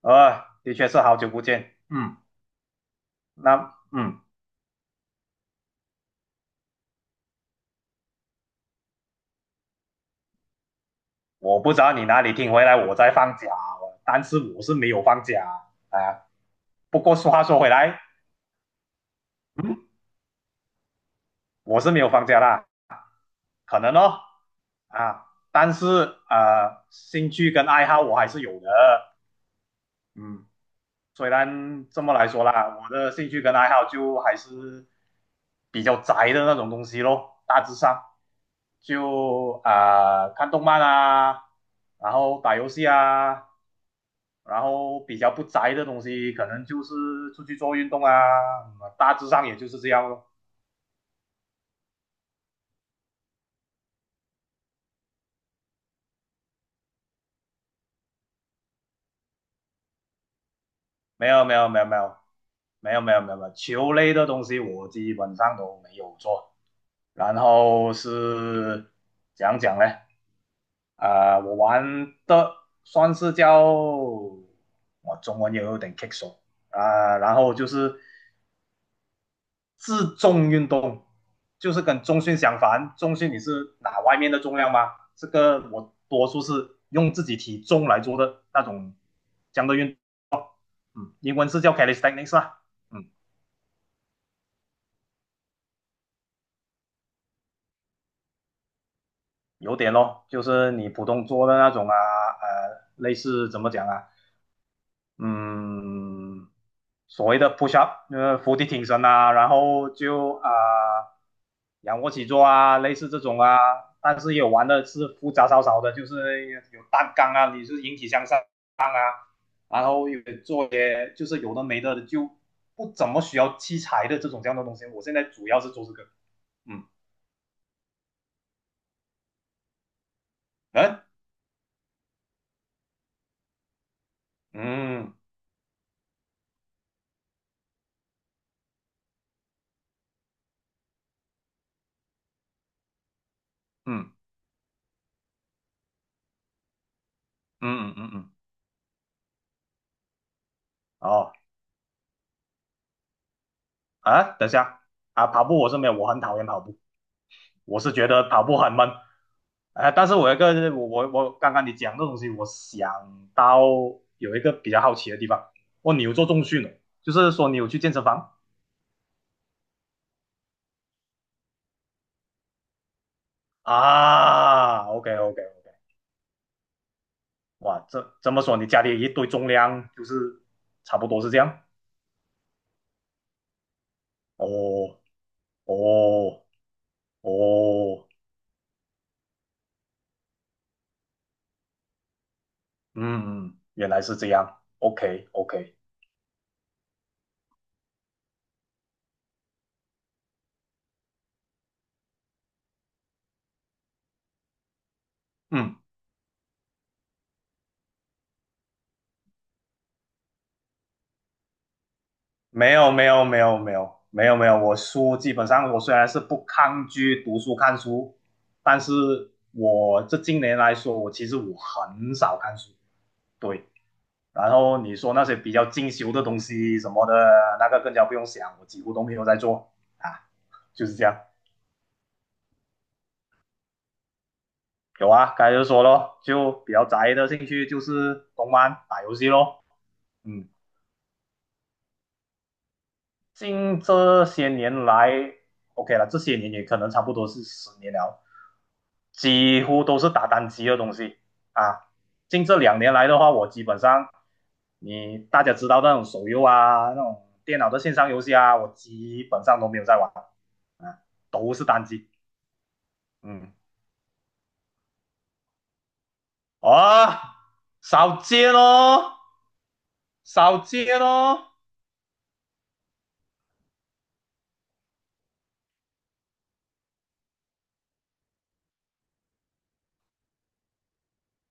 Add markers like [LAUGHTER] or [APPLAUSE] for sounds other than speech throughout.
的确是好久不见。嗯，那嗯，我不知道你哪里听回来我在放假，但是我是没有放假啊。呃不过话说回来，嗯，我是没有放假啦，可能哦啊，但是兴趣跟爱好我还是有的。嗯，虽然这么来说啦，我的兴趣跟爱好就还是比较宅的那种东西咯，大致上就看动漫啊，然后打游戏啊，然后比较不宅的东西可能就是出去做运动啊，嗯大致上也就是这样咯。没有没有没有没有没有,球类的东西我基本上都没有做，然后是讲讲呢？我玩的算是叫我中文也有点棘手然后就是自重运动，就是跟中训相反，中训你是拿外面的重量吗？这个我多数是用自己体重来做的那种这样的运动，嗯，英文是叫 calisthenics 啦，嗯，有点咯，就是你普通做的那种啊，类似怎么讲啊，嗯，所谓的 push up，伏地挺身啊，然后就仰卧起坐啊，类似这种啊，但是也有玩的是复杂少少的，就是有单杠啊，你是引体向上啊，然后有做些就是有的没的，就不怎么需要器材的这种这样的东西。我现在主要是做这个，嗯，嗯嗯嗯嗯嗯嗯嗯，哦啊，等一下啊，跑步我是没有，我很讨厌跑步，我是觉得跑步很闷。但是我有一个我刚刚你讲这东西，我想到有一个比较好奇的地方，哦，你有做重训哦，就是说你有去健身房啊？OK OK OK，哇，这这么说你家里一堆重量，就是差不多是这样？哦哦哦，嗯原来是这样，OK OK，嗯。没有,我书基本上我虽然是不抗拒读书看书，但是我这近年来说，我其实我很少看书，对。然后你说那些比较进修的东西什么的，那个更加不用想，我几乎都没有在做啊，就是这样。有啊，刚才就说咯，就比较宅的兴趣就是动漫、打游戏咯，嗯。近这些年来，OK 了，这些年也可能差不多是十年了，几乎都是打单机的东西啊。近这两年来的话，我基本上你大家知道那种手游啊，那种电脑的线上游戏啊，我基本上都没有在玩啊，都是单机。嗯，啊，少见哦，少见哦，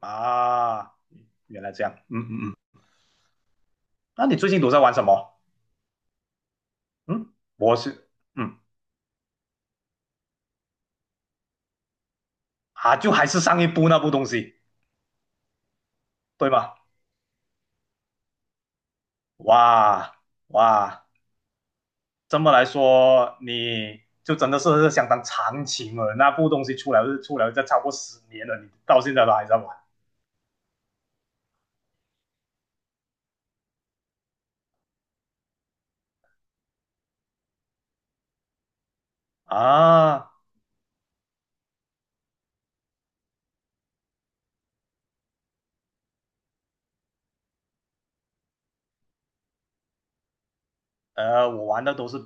啊，原来这样，嗯嗯，嗯那你最近都在玩什么？嗯，我是，嗯。啊，就还是上一部那部东西，对吗？哇哇，这么来说，你就真的是相当长情了。那部东西出来是出来这超过十年了，你到现在都还在玩啊？我玩的都是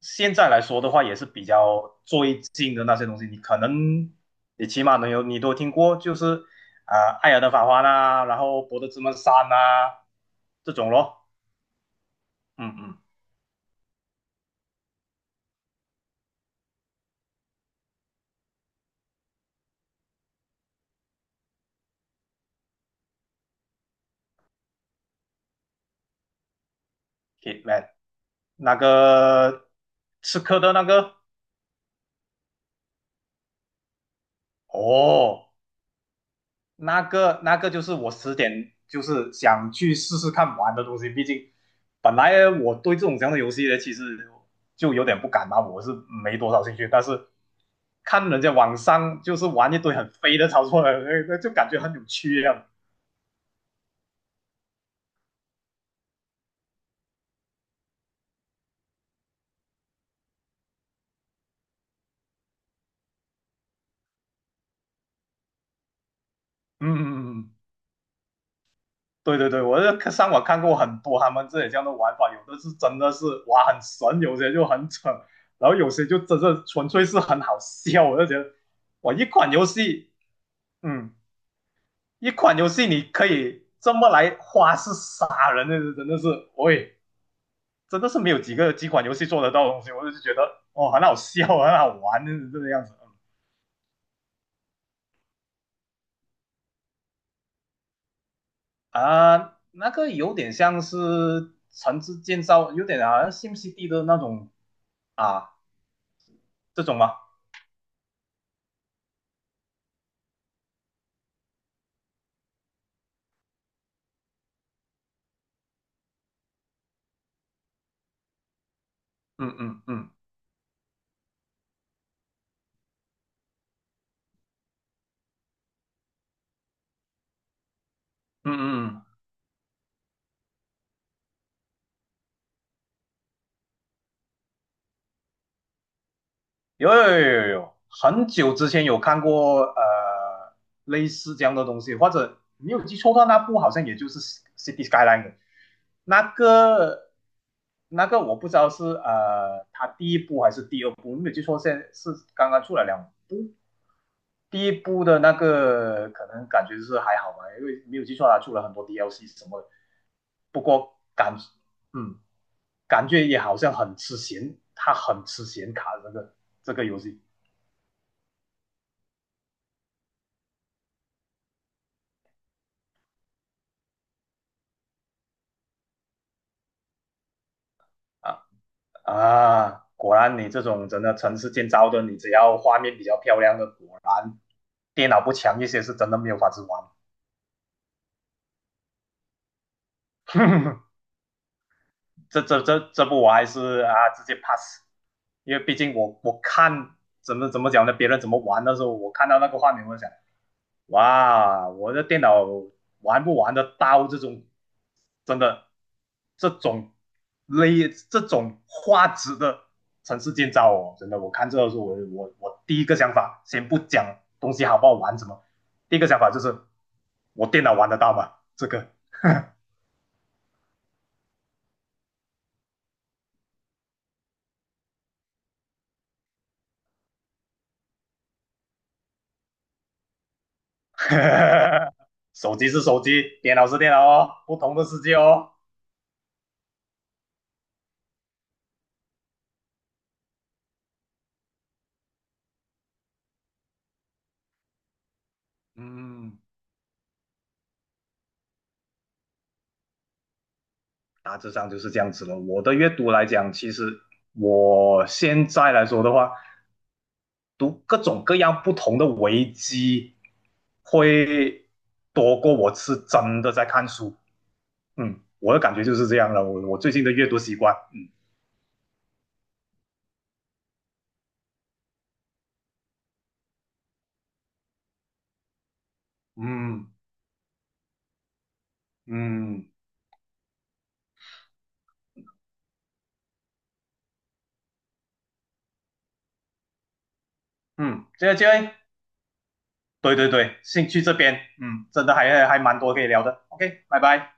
现在来说的话，也是比较最近的那些东西，你可能你起码能有你都听过，就是艾尔登法环》啊，然后《博德之门三》啊这种咯。嗯嗯可以。t 那个刺客的那个，哦，那个那个就是我十点就是想去试试看玩的东西，毕竟本来我对这种这样的游戏呢，其实就有点不敢嘛，我是没多少兴趣，但是看人家网上就是玩一堆很飞的操作，[LAUGHS] 那就感觉很有趣一样。嗯嗯嗯，嗯对对对，我就上网看过很多他们这里这样的玩法，有的是真的是哇很神，有些就很蠢，然后有些就真的纯粹是很好笑。我就觉得，哇，一款游戏，嗯，一款游戏你可以这么来花式杀人的，那是真的是，喂，真的是没有几款游戏做得到的东西。我就觉得，哦，很好笑，很好玩，就是这个样子。嗯啊，那个有点像是城市建造，有点好像 SimCity 的那种啊这种吗？嗯嗯嗯嗯嗯，有，很久之前有看过类似这样的东西，或者你有记错的话那部好像也就是 City Skyline 的那个。那个我不知道是它第一部还是第二部，没有记错，现在是刚刚出了两。第一部的那个可能感觉是还好吧，因为没有记错啊，出了很多 DLC 什么的不过感，嗯，感觉也好像很吃显，它很吃显卡这个这个游戏啊。啊！果然你这种真的城市建造的，你只要画面比较漂亮的，果然电脑不强一些是真的没有法子玩。这这部我还是啊直接 pass，因为毕竟我我看怎么讲呢，别人怎么玩的时候，我看到那个画面，我就想，哇，我的电脑玩不玩得到这种，真的这种类这种画质的城市建造哦，真的，我看这个时候，我我第一个想法，先不讲东西好不好玩什么，第一个想法就是我电脑玩得到吗？这个。[LAUGHS] [LAUGHS] 手机是手机，电脑是电脑哦，不同的世界哦。嗯大致上就是这样子了。我的阅读来讲，其实我现在来说的话，读各种各样不同的维基，会多过我是真的在看书。嗯，我的感觉就是这样了。我最近的阅读习惯，嗯嗯，嗯，这个这个，对对对，兴趣这边，嗯，真的还蛮多可以聊的。OK，拜拜。